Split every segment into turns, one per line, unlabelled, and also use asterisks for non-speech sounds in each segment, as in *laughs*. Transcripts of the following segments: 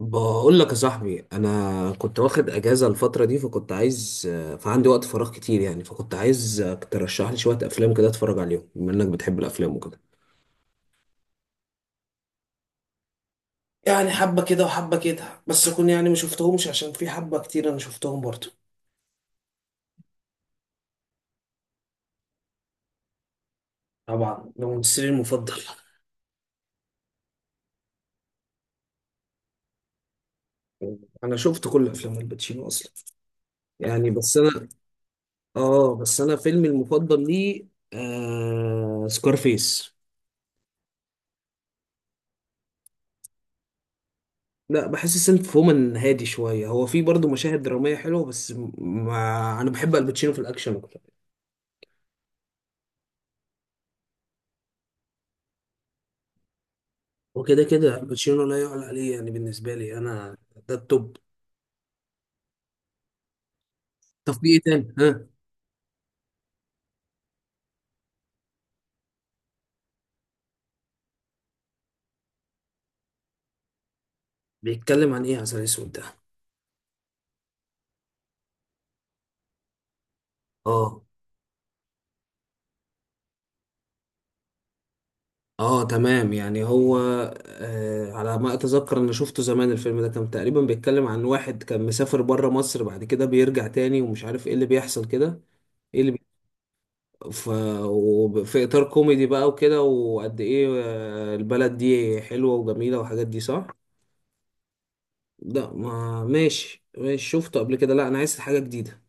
بقول لك يا صاحبي انا كنت واخد اجازه الفتره دي فكنت عايز فعندي وقت فراغ كتير يعني فكنت عايز ترشح لي شويه افلام كده اتفرج عليهم بما انك بتحب الافلام وكده. يعني حبة كده وحبة كده، بس أكون يعني ما شفتهمش، عشان في حبة كتير أنا شفتهم برضو. طبعا ده ممثلي المفضل. انا شفت كل افلام الباتشينو اصلا. يعني بس انا اه بس انا فيلمي المفضل ليه آه سكارفيس. لا بحس سنت فومان هادي شوية، هو في برضه مشاهد درامية حلوة بس ما أنا بحب الباتشينو في الأكشن أكتر. وكده كده الباتشينو لا يعلى عليه، يعني بالنسبة لي أنا ده التوب. طب في إيه تاني؟ ها، بيتكلم عن إيه عسل أسود ده؟ آه، آه تمام، يعني هو آه على ما أتذكر أنا شفته زمان. الفيلم ده كان تقريبا بيتكلم عن واحد كان مسافر بره مصر، بعد كده بيرجع تاني ومش عارف إيه اللي بيحصل كده. إيه اللي ف... وب- في إطار كوميدي بقى وكده، وقد إيه آه، البلد دي حلوة وجميلة والحاجات دي صح؟ لا ما ماشي ماشي شفته قبل كده، لا أنا عايز حاجة جديدة.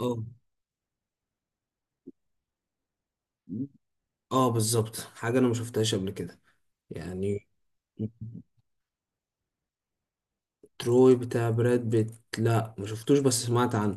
اه، اه بالظبط، حاجة أنا ما شفتهاش قبل كده يعني. تروي بتاع براد بيت، لا ما شفتوش بس سمعت عنه.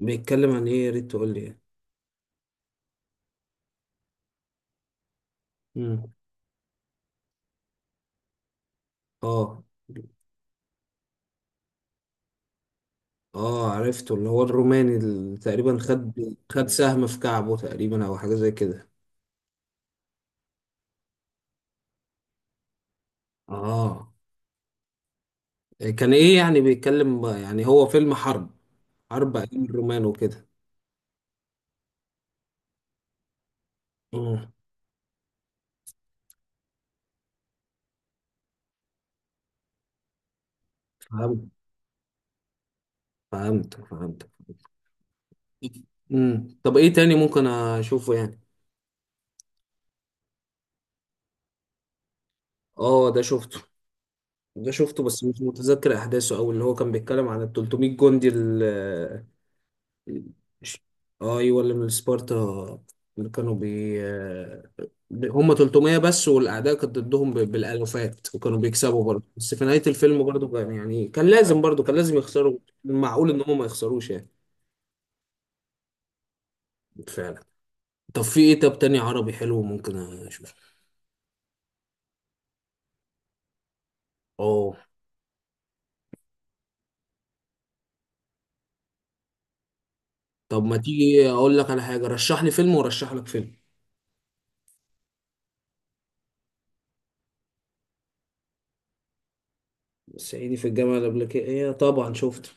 بيتكلم عن إيه؟ يا ريت تقول لي يعني. مم. اه، اه عرفته، اللي هو الروماني اللي تقريبا خد خد سهم في كعبه تقريبا أو حاجة زي كده. اه، كان ايه يعني بيتكلم، يعني هو فيلم حرب، حرب ايام الرومان وكده. مم. فهمت فهمت. فهمت. امم، طب ايه تاني ممكن اشوفه يعني؟ اه ده شفته، ده شفته بس مش متذكر احداثه، او اللي هو كان بيتكلم عن ال 300 جندي. ايوه اللي من سبارتا. اللي كانوا بي آه، هم 300 بس، والاعداء كانت ضدهم ب- بالالوفات، وكانوا بيكسبوا برضه، بس في نهايه الفيلم برضه كان يعني كان لازم برضه كان لازم يخسروا. معقول ان هم ما يخسروش يعني؟ فعلا. طب في ايه طب تاني عربي حلو ممكن اشوفه؟ اه، طب ما تيجي اقول لك على حاجه، رشح لي فيلم ورشح لك فيلم. صعيدي في الجامعه الامريكيه إيه، طبعا شفته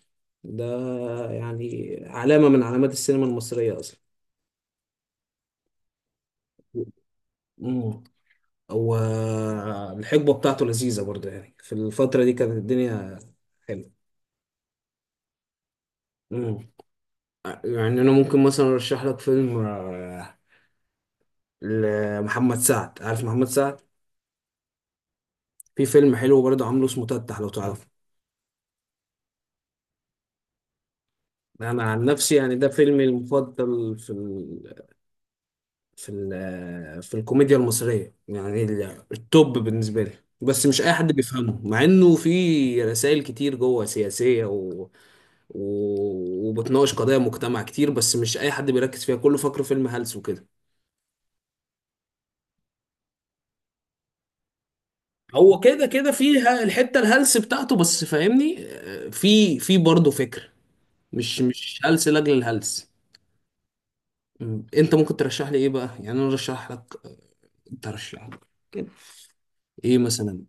ده، يعني علامه من علامات السينما المصريه اصلا. مم. والحقبة بتاعته لذيذة برضه، يعني في الفترة دي كانت الدنيا حلوة. مم. يعني أنا ممكن مثلا أرشح لك فيلم آه، لمحمد سعد، عارف محمد سعد؟ في فيلم حلو برضه عامله اسمه تتح، لو تعرفه. أنا عن نفسي يعني ده فيلمي المفضل في في الكوميديا المصرية، يعني التوب بالنسبة لي. بس مش أي حد بيفهمه، مع إنه في رسائل كتير جوه سياسية وبتناقش قضايا مجتمع كتير، بس مش أي حد بيركز فيها، كله فاكره فيلم هلس وكده. هو كده كده فيها الحتة الهلس بتاعته، بس فاهمني آه، في برضه فكر، مش هلس لأجل الهلس. م، انت ممكن ترشح لي ايه بقى؟ يعني انا ارشح لك ترشح لك كده. ايه مثلا؟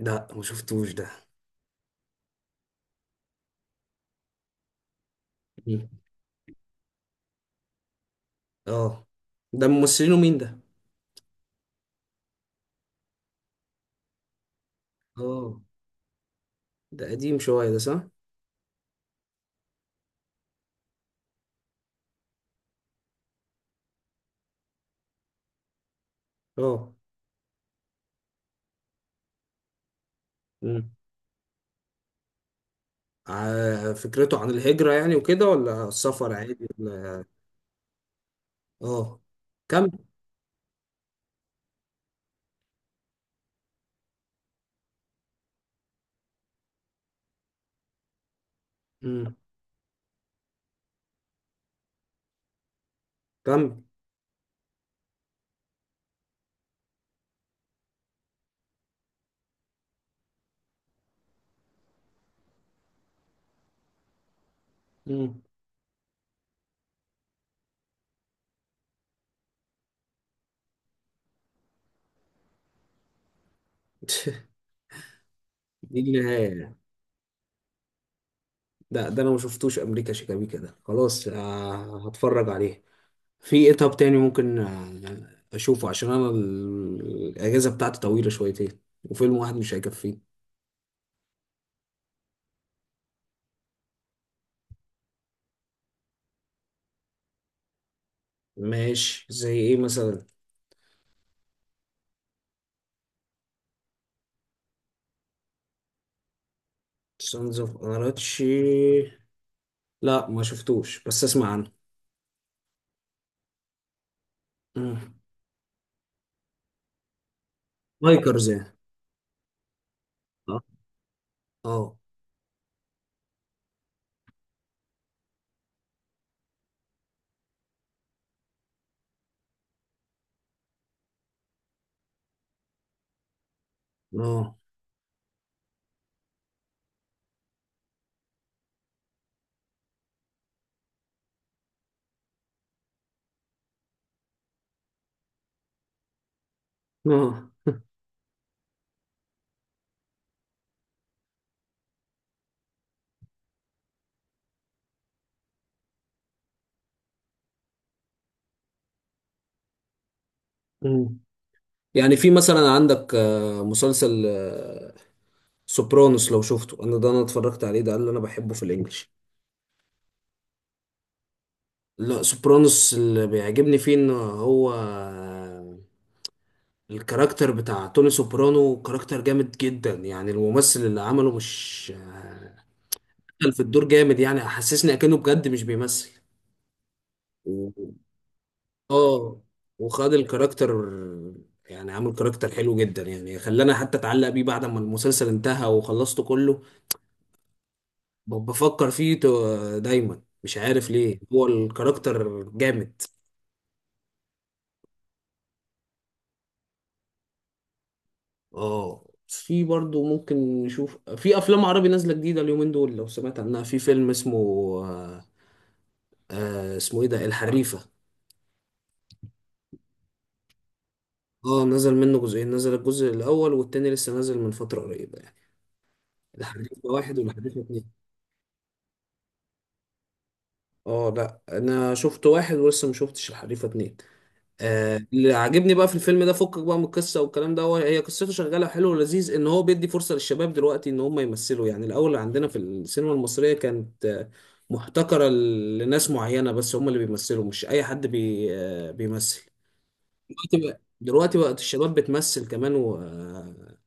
لا ما شفتوش ده. اه ده ممثلينه مين ده؟ اه ده قديم شوية ده صح؟ اه. مم. ع- فكرته عن الهجرة يعني وكده، ولا السفر عادي ولا؟ اه. كم. مم. كم. مم. *laughs* دي النهاية يعني؟ ده ده انا ما شفتوش امريكا شيكابيكا ده، خلاص آه، هتفرج عليه. في ايه طب تاني ممكن آه، اشوفه؟ عشان انا الاجازة بتاعتي طويلة شويتين، وفيلم واحد مش هيكفيه. ماشي، زي ايه مثلا؟ سانز اوف اناراتشي، لا ما شفتوش بس اسمع عنه. مم. لايكرز يعني، صح؟ اه. اه. اه. مم. يعني في مثلا عندك آه، مسلسل آه، سوبرانوس، لو شفته. انا ده انا اتفرجت عليه، ده اللي انا بحبه في الانجليش. لا سوبرانوس اللي بيعجبني فيه ان هو آه، الكاركتر بتاع توني سوبرانو، كاركتر جامد جدا. يعني الممثل اللي عمله مش آه، دخل في الدور جامد، يعني حسسني اكنه بجد مش بيمثل. اه، وخد الكاركتر، يعني عامل كاركتر حلو جدا، يعني خلاني حتى اتعلق بيه بعد ما المسلسل انتهى وخلصته كله. ب- بفكر فيه تو- دايما، مش عارف ليه هو الكاركتر جامد. اه، في برضو ممكن نشوف في افلام عربي نازله جديده اليومين دول، لو سمعت عنها في فيلم اسمه آه آه، اسمه ايه ده، الحريفه. اه نزل منه جزئين، نزل الجزء الاول والتاني لسه نازل من فتره قريبه يعني. الحريفه واحد والحريفه اتنين. اه لا انا شفت واحد ولسه ما شفتش الحريفه اتنين. آه، اللي عاجبني بقى في الفيلم ده فكك بقى من القصه والكلام ده، هو هي قصته شغاله حلو ولذيذ، ان هو بيدي فرصه للشباب دلوقتي ان هم يمثلوا. يعني الاول عندنا في السينما المصريه كانت آه، محتكره ل- لناس معينه بس هم اللي بيمثلوا، مش اي حد بي آه بيمثل. دلوقتي بقى دلوقتي بقت الشباب بتمثل كمان و... آه،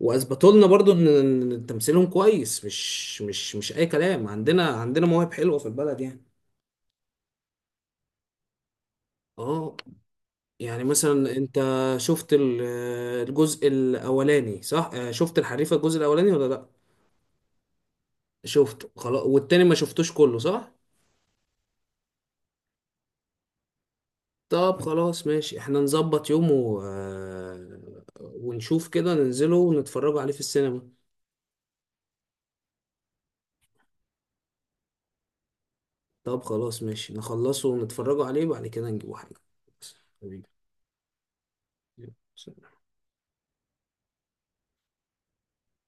واثبتوا لنا برضو إن تمثيلهم كويس، مش اي كلام، عندنا عندنا مواهب حلوه في البلد يعني. اه، يعني مثلا انت شفت الجزء الاولاني صح؟ آه، شفت الحريفه الجزء الاولاني ولا لا؟ شفته خلاص، والتاني ما شفتوش كله صح؟ طب خلاص ماشي، احنا نظبط يوم و... آه، ونشوف كده ننزله ونتفرجوا عليه في السينما. طب خلاص ماشي، نخلصه ونتفرجوا عليه، بعد كده نجيبوا حاجه بس. حبيبي، يلا. سلام.